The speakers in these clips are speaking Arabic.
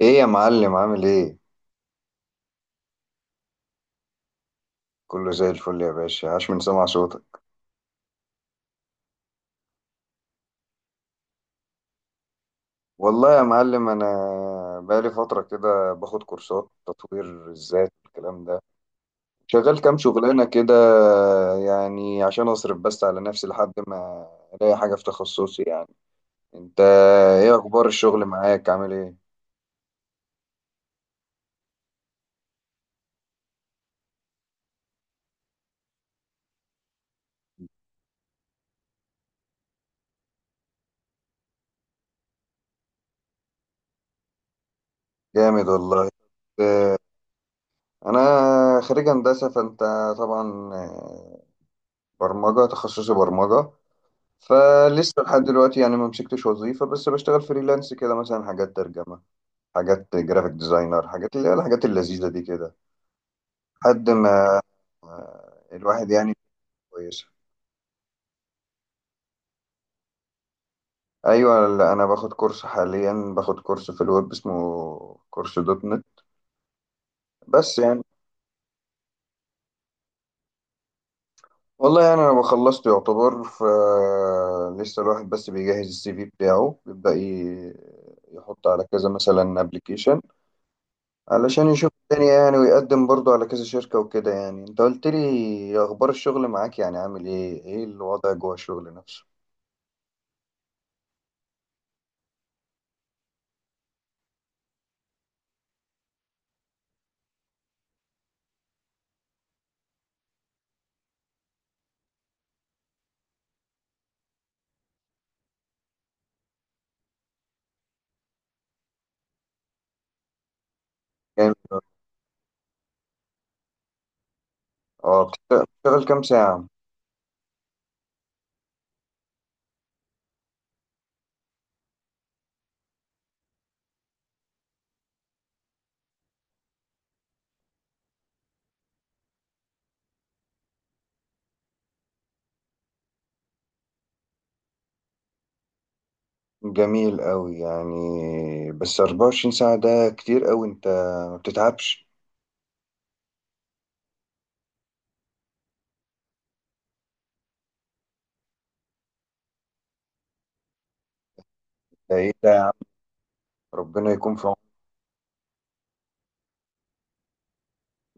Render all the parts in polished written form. ايه يا معلم عامل ايه؟ كله زي الفل يا باشا، عاش من سمع صوتك. والله يا معلم انا بقالي فتره كده باخد كورسات تطوير الذات والكلام ده. شغال كام شغلانه كده يعني عشان اصرف بس على نفسي لحد ما الاقي حاجه في تخصصي يعني. انت ايه اخبار الشغل معاك، عامل ايه؟ جامد والله. آه، انا خريج هندسه، فانت طبعا. برمجه تخصصي، برمجه. فلسه لحد دلوقتي يعني ما مسكتش وظيفة، بس بشتغل فريلانس كده، مثلا حاجات ترجمة، حاجات جرافيك ديزاينر، حاجات اللي هي الحاجات اللذيذة دي كده لحد ما الواحد يعني كويسة. أيوة، لا، أنا باخد كورس حاليا، باخد كورس في الويب اسمه كورس دوت نت، بس يعني، والله يعني أنا بخلصت يعتبر. فلسه الواحد بس بيجهز السي في بتاعه، بيبدأ يحط على كذا مثلا ابلكيشن علشان يشوف الدنيا يعني، ويقدم برضو على كذا شركة وكده يعني. انت قلت لي اخبار الشغل معاك يعني، عامل ايه، ايه الوضع جوه الشغل نفسه؟ جامد. اه، بتشتغل كام ساعة؟ جميل قوي يعني، بس 24 ساعة ده كتير قوي، انت ما بتتعبش؟ ده ايه ده يا عم؟ ربنا يكون في عونك.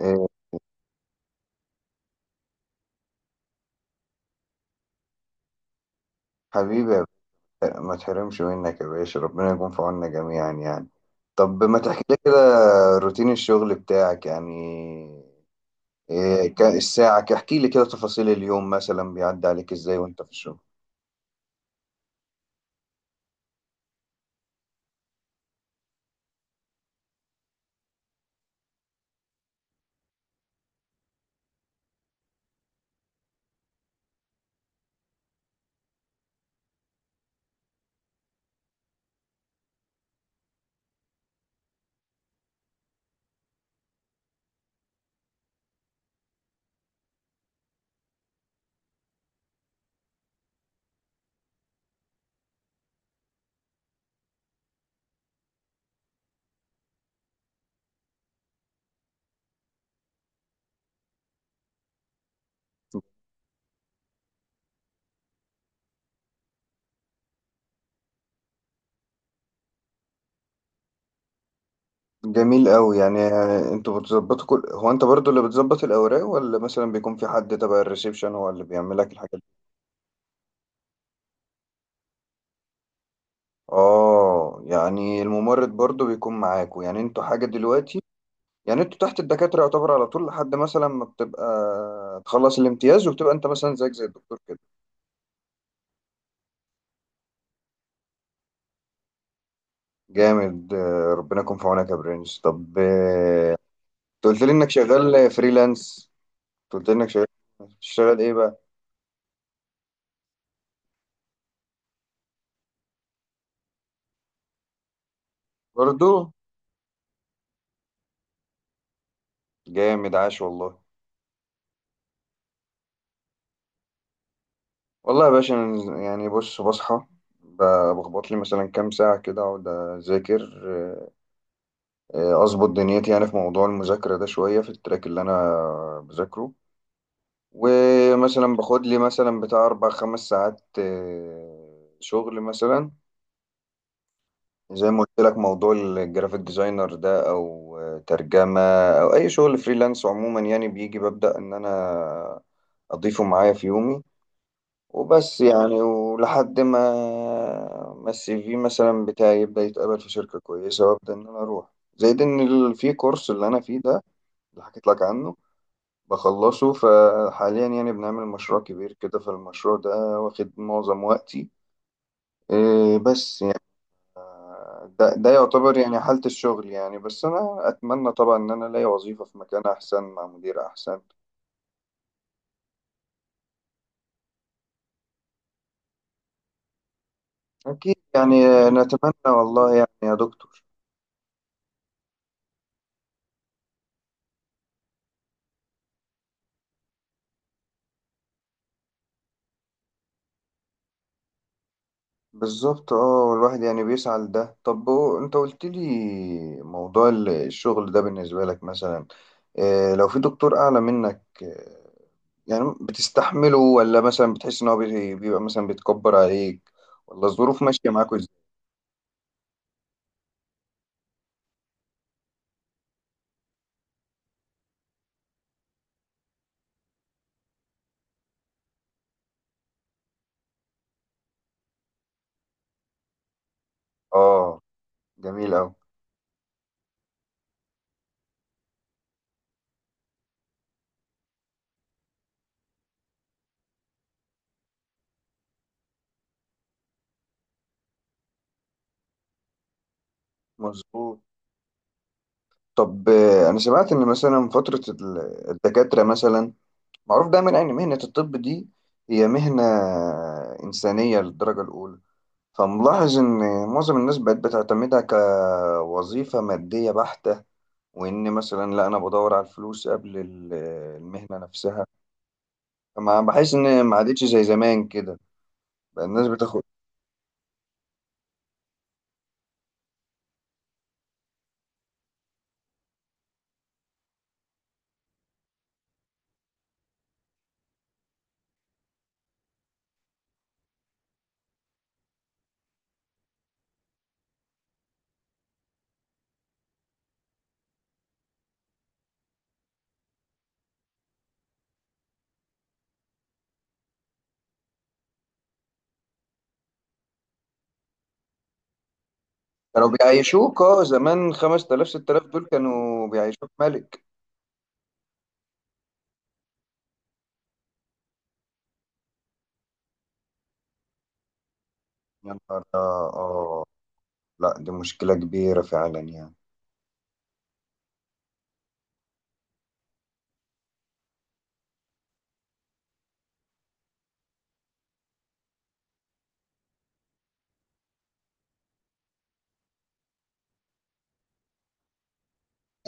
إيه حبيبي يا باشا، ما تحرمش منك يا باشا، ربنا يكون في عوننا جميعا يعني. طب ما تحكي لي كده روتين الشغل بتاعك يعني. إيه كان الساعة احكي لي كده تفاصيل اليوم مثلا بيعدي عليك ازاي وانت في الشغل. جميل قوي يعني. انتوا بتظبطوا كل، هو انت برضو اللي بتظبط الاوراق، ولا مثلا بيكون في حد تبع الريسبشن هو اللي بيعمل لك الحاجات دي؟ اه، يعني الممرض برضو بيكون معاكوا يعني، انتوا حاجة دلوقتي يعني انتوا تحت الدكاترة يعتبر على طول، لحد مثلا ما بتبقى تخلص الامتياز وبتبقى انت مثلا زيك زي الدكتور كده. جامد. ربنا يكون في عونك يا برنس. طب، انت قلت لي انك شغال فريلانس، قلت انك شغال، بتشتغل ايه بقى؟ برضو. جامد، عاش والله. والله يا باشا أنا يعني، بص، بصحى، ب- بخبط لي مثلا كام ساعة كده أقعد أذاكر. أظبط دنيتي يعني في موضوع المذاكرة ده، شوية في التراك اللي أنا بذاكره، ومثلا باخد لي مثلا بتاع 4 5 ساعات شغل مثلا زي ما قلت لك، موضوع الجرافيك ديزاينر ده او ترجمه او اي شغل فريلانس عموما يعني، بيجي ببدا ان انا اضيفه معايا في يومي. وبس يعني، ولحد ما السي في مثلا بتاعي يبدا يتقبل في شركه كويسه وابدا ان انا اروح. زائد ان في كورس اللي انا فيه ده، اللي حكيت لك عنه، بخلصه، فحاليا يعني بنعمل مشروع كبير كده، فالمشروع ده واخد معظم وقتي. إيه، بس يعني ده يعتبر يعني حالة الشغل يعني. بس أنا أتمنى طبعا إن أنا ألاقي وظيفة في مكان أحسن مع مدير أحسن. أكيد يعني، نتمنى والله يعني يا دكتور. بالظبط، اه، والواحد يعني بيسعى لده. طب هو أنت قلت لي موضوع الشغل ده بالنسبة لك مثلا، لو في دكتور أعلى منك، يعني بتستحمله، ولا مثلا بتحس إن هو بيبقى مثلا بيتكبر عليك، ولا الظروف ماشية معاكوا إزاي؟ اه. جميل أوي. مظبوط. طب، انا سمعت ان مثلا فترة الدكاترة مثلا، معروف دايما ان مهنة الطب دي هي مهنة انسانية للدرجة الاولى، فملاحظ ان معظم الناس بقت بتعتمدها كوظيفة مادية بحتة، وان مثلا لا، انا بدور على الفلوس قبل المهنة نفسها. فما بحس ان ما عادتش زي زمان كده، بقى الناس بتاخد. كانوا بيعيشوك اه، زمان 5000، 6000 دول كانوا بيعيشوك ملك. يا نهار اه. آه. لا، دي مشكلة كبيرة فعلا يعني.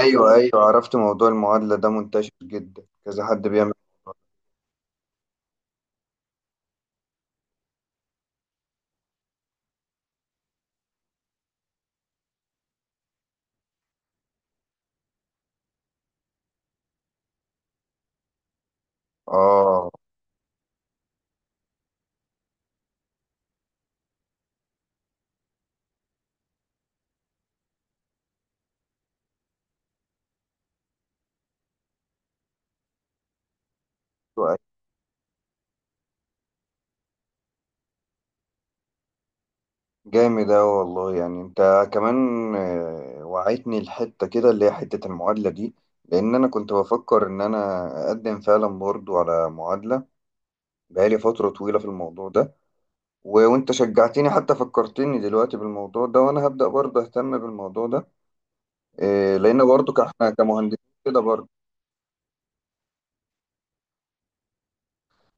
أيوة، أيوة، عرفت. موضوع المعادلة ده منتشر جدا، كذا حد بيعمل. آه. أيوة. جامد أوي والله يعني. أنت كمان وعيتني الحتة كده اللي هي حتة المعادلة دي، لأن أنا كنت بفكر إن أنا أقدم فعلا برضو على معادلة بقالي فترة طويلة في الموضوع ده، وأنت شجعتني، حتى فكرتني دلوقتي بالموضوع ده، وأنا هبدأ برضو أهتم بالموضوع ده. لأن برضو إحنا كمهندسين كده برضو.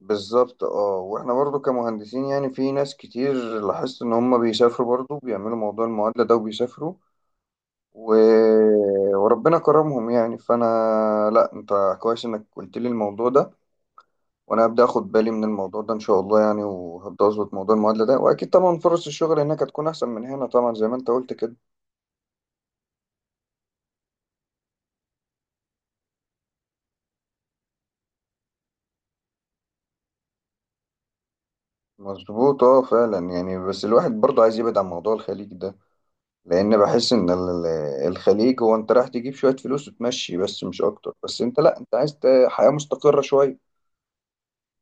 بالظبط، اه، واحنا برضو كمهندسين يعني في ناس كتير لاحظت ان هم بيسافروا، برضو بيعملوا موضوع المعادلة ده وبيسافروا، و... وربنا كرمهم يعني. فانا، لا، انت كويس انك قلت لي الموضوع ده، وانا هبدأ اخد بالي من الموضوع ده ان شاء الله يعني، وهبدأ اظبط موضوع المعادلة ده، واكيد طبعا فرص الشغل هناك هتكون احسن من هنا طبعا زي ما انت قلت كده. مظبوط، اه، فعلا يعني. بس الواحد برضو عايز يبعد عن موضوع الخليج ده، لان بحس ان الخليج هو انت رايح تجيب شويه فلوس وتمشي بس، مش اكتر. بس انت، لا، انت عايز حياه مستقره شويه.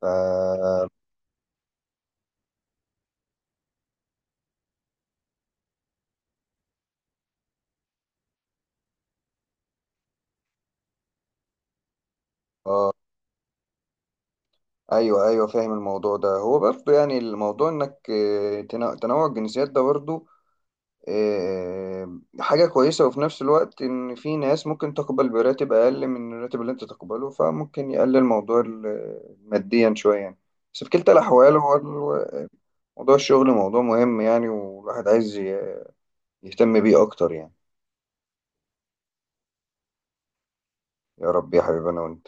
ف... آه، ايوه، ايوه، فاهم الموضوع ده. هو برضه يعني الموضوع انك تنوع الجنسيات ده برضه حاجه كويسه، وفي نفس الوقت ان في ناس ممكن تقبل براتب اقل من الراتب اللي انت تقبله، فممكن يقلل موضوع ماديا شويه يعني. بس في كلتا الاحوال، هو ال- موضوع الشغل موضوع مهم يعني، والواحد عايز يهتم بيه اكتر يعني. يا رب يا حبيبي، انا وانت.